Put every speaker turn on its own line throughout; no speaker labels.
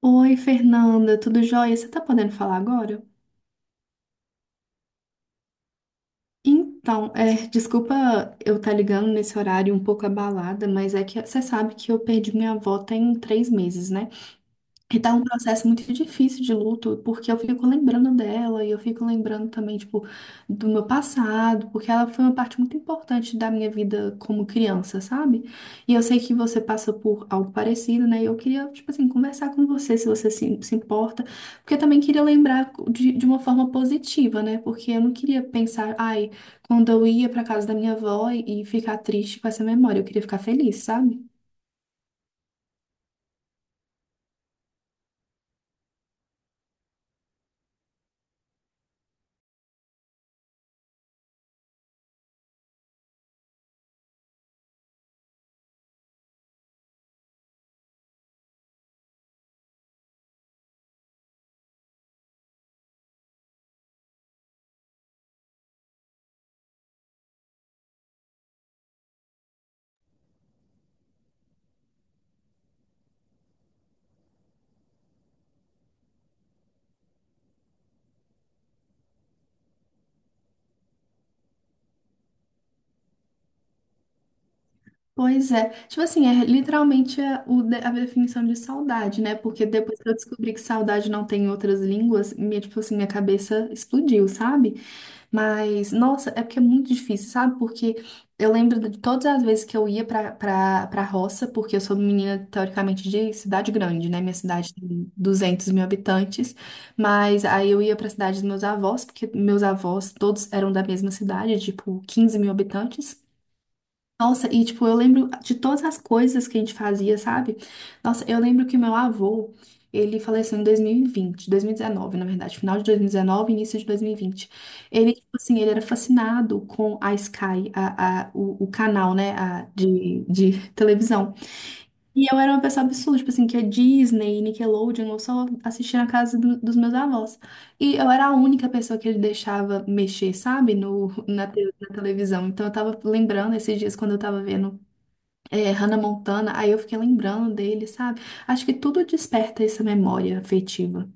Oi, Fernanda, tudo jóia? Você tá podendo falar agora? Então, desculpa eu estar ligando nesse horário um pouco abalada, mas é que você sabe que eu perdi minha avó tem 3 meses, né? E tá um processo muito difícil de luto, porque eu fico lembrando dela e eu fico lembrando também, tipo, do meu passado, porque ela foi uma parte muito importante da minha vida como criança, sabe? E eu sei que você passa por algo parecido, né? E eu queria, tipo assim, conversar com você, se você se importa, porque eu também queria lembrar de uma forma positiva, né? Porque eu não queria pensar, ai, quando eu ia pra casa da minha avó e ficar triste com essa memória, eu queria ficar feliz, sabe? Pois é. Tipo assim, é literalmente a definição de saudade, né? Porque depois que eu descobri que saudade não tem em outras línguas, minha, tipo assim, minha cabeça explodiu, sabe? Mas, nossa, é porque é muito difícil, sabe? Porque eu lembro de todas as vezes que eu ia pra roça, porque eu sou menina, teoricamente, de cidade grande, né? Minha cidade tem 200 mil habitantes, mas aí eu ia pra cidade dos meus avós, porque meus avós todos eram da mesma cidade, tipo, 15 mil habitantes. Nossa, e tipo, eu lembro de todas as coisas que a gente fazia, sabe? Nossa, eu lembro que meu avô, ele faleceu em 2020, 2019, na verdade, final de 2019, início de 2020. Ele, tipo assim, ele era fascinado com a Sky, o canal, né, de televisão. E eu era uma pessoa absurda, tipo assim, que a Disney, Nickelodeon, eu só assistia na casa dos meus avós. E eu era a única pessoa que ele deixava mexer, sabe, no, na, te- na televisão. Então eu tava lembrando esses dias quando eu tava vendo Hannah Montana, aí eu fiquei lembrando dele, sabe? Acho que tudo desperta essa memória afetiva.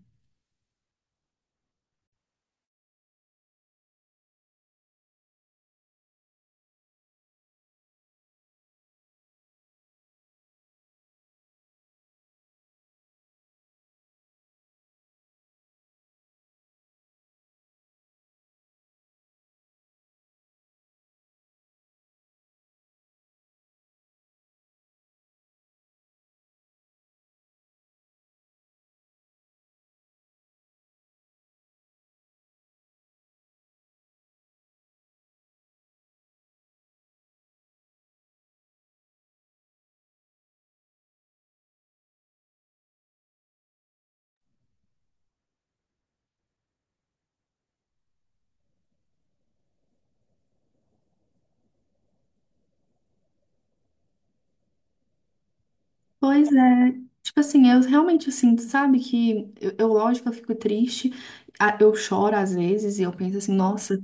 Pois é. Tipo assim, eu realmente sinto, sabe, que eu, lógico, eu fico triste, eu choro às vezes e eu penso assim, nossa.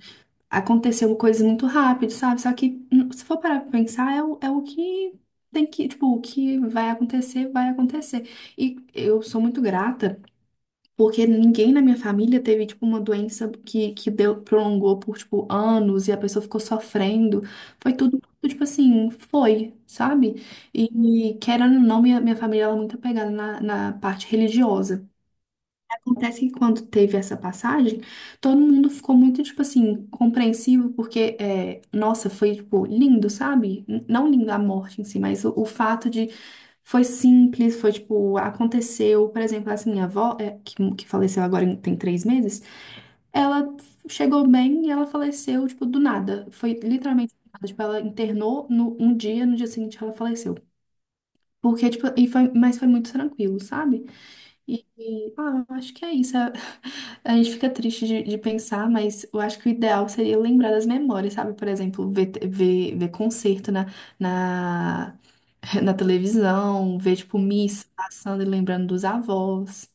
Aconteceu coisas muito rápido, sabe? Só que se for parar pra pensar, é o que tem que, tipo, o que vai acontecer, vai acontecer. E eu sou muito grata, porque ninguém na minha família teve, tipo, uma doença que deu, prolongou por, tipo, anos e a pessoa ficou sofrendo. Foi tudo, tipo assim, foi, sabe? E querendo ou não, minha família ela é muito apegada na parte religiosa. Acontece que quando teve essa passagem, todo mundo ficou muito, tipo assim, compreensivo, porque, nossa, foi, tipo, lindo, sabe? Não lindo a morte em si, mas o fato de. Foi simples, foi, tipo, aconteceu. Por exemplo, assim, minha avó, que faleceu agora tem 3 meses, ela chegou bem e ela faleceu, tipo, do nada. Foi literalmente do nada. Tipo, ela internou um dia, no dia seguinte ela faleceu. Porque, tipo, e foi, mas foi muito tranquilo, sabe? E, ah, eu acho que é isso. A a gente fica triste de pensar, mas eu acho que o ideal seria lembrar das memórias, sabe? Por exemplo, ver concerto na, na televisão, ver, tipo, missa passando e lembrando dos avós.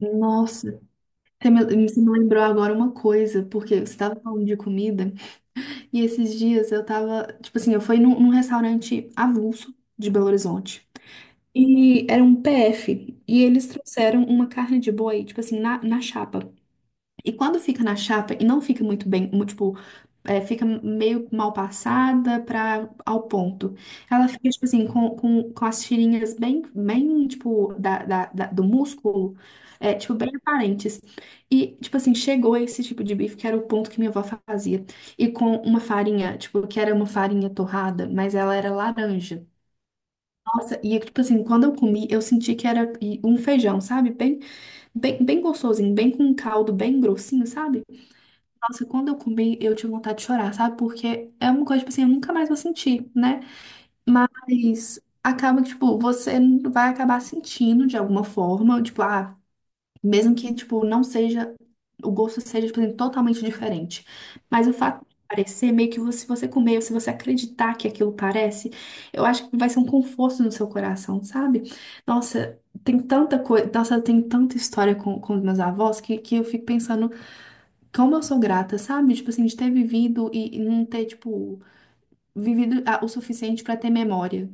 Nossa, você me lembrou agora uma coisa, porque você estava falando de comida, e esses dias eu tava, tipo assim, eu fui num restaurante avulso de Belo Horizonte. E era um PF. E eles trouxeram uma carne de boi, tipo assim, na chapa. E quando fica na chapa e não fica muito bem, tipo, fica meio mal passada ao ponto. Ela fica, tipo assim, com as tirinhas bem tipo, do músculo, tipo, bem aparentes. E, tipo assim, chegou esse tipo de bife, que era o ponto que minha avó fazia. E com uma farinha, tipo, que era uma farinha torrada, mas ela era laranja. Nossa, e tipo assim, quando eu comi, eu senti que era um feijão, sabe? Bem, bem, bem gostosinho, bem com um caldo, bem grossinho, sabe? Nossa, quando eu comi, eu tive vontade de chorar, sabe? Porque é uma coisa, tipo assim, eu nunca mais vou sentir, né? Mas acaba que, tipo, você vai acabar sentindo de alguma forma, tipo, ah. Mesmo que, tipo, não seja, o gosto seja, tipo, assim, totalmente diferente. Mas o fato de parecer, meio que se você comer, ou se você acreditar que aquilo parece, eu acho que vai ser um conforto no seu coração, sabe? Nossa, tem tanta coisa, nossa, tem tanta história com os meus avós que eu fico pensando como eu sou grata, sabe? Tipo assim, de ter vivido e não ter, tipo, vivido o suficiente pra ter memória.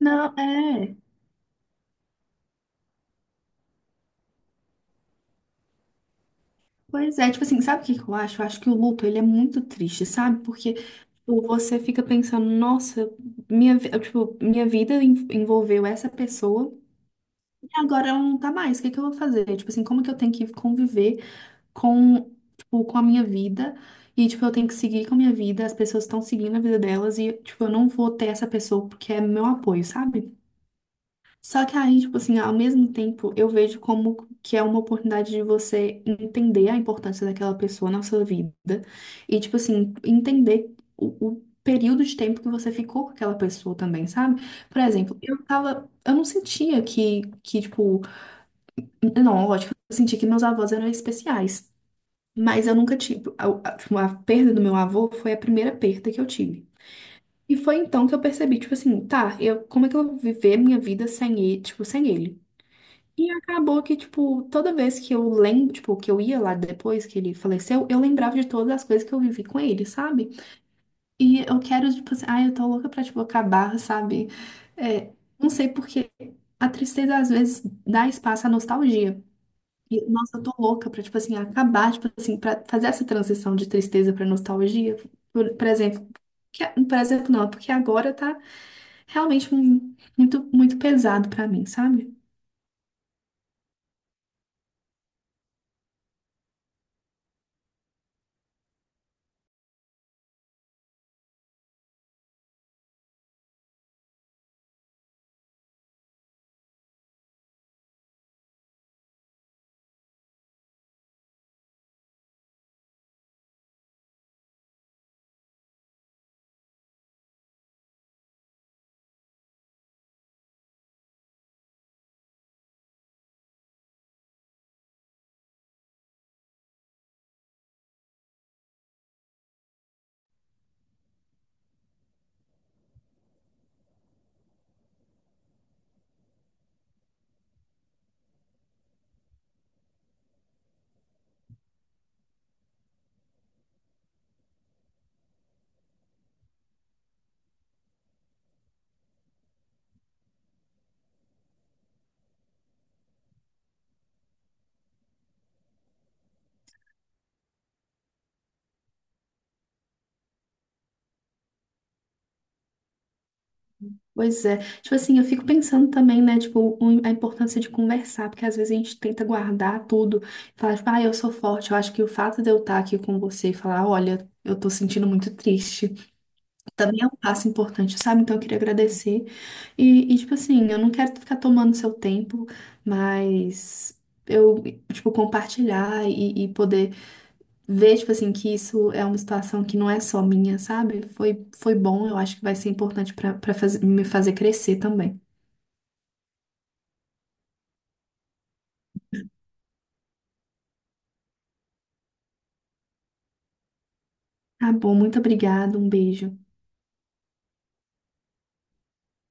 Não, é. Pois é, tipo assim, sabe o que que eu acho? Eu acho que o luto, ele é muito triste, sabe? Porque tipo, você fica pensando, nossa, minha, tipo, minha vida envolveu essa pessoa e agora ela não tá mais, o que que eu vou fazer? Tipo assim, como que eu tenho que conviver com, tipo, com a minha vida e, tipo, eu tenho que seguir com a minha vida, as pessoas estão seguindo a vida delas e, tipo, eu não vou ter essa pessoa porque é meu apoio, sabe? Só que aí, tipo assim, ao mesmo tempo, eu vejo como que é uma oportunidade de você entender a importância daquela pessoa na sua vida e, tipo assim, entender o período de tempo que você ficou com aquela pessoa também, sabe? Por exemplo, eu não sentia que tipo, não, lógico, eu sentia que meus avós eram especiais, mas eu nunca tive, a tipo, a perda do meu avô foi a primeira perda que eu tive. E foi então que eu percebi, tipo assim, tá, como é que eu vou viver minha vida sem ele, tipo, sem ele? E acabou que, tipo, toda vez que eu lembro, tipo, que eu ia lá depois que ele faleceu, eu lembrava de todas as coisas que eu vivi com ele, sabe? E eu quero, tipo assim, ai, eu tô louca pra, tipo, acabar, sabe? É, não sei porque a tristeza às vezes dá espaço à nostalgia. E, nossa, eu tô louca pra, tipo assim, acabar, tipo assim, pra fazer essa transição de tristeza pra nostalgia, por exemplo. Que, por exemplo, não, é porque agora tá realmente muito, muito pesado pra mim, sabe? Pois é. Tipo assim, eu fico pensando também, né, tipo, a importância de conversar, porque às vezes a gente tenta guardar tudo, falar, tipo, ah, eu sou forte. Eu acho que o fato de eu estar aqui com você e falar, olha, eu tô sentindo muito triste, também é um passo importante, sabe? Então eu queria agradecer. E, tipo assim, eu não quero ficar tomando seu tempo, mas eu, tipo, compartilhar e poder ver, tipo assim, que isso é uma situação que não é só minha, sabe? Foi bom, eu acho que vai ser importante para me fazer crescer também. Tá bom, muito obrigada. Um beijo.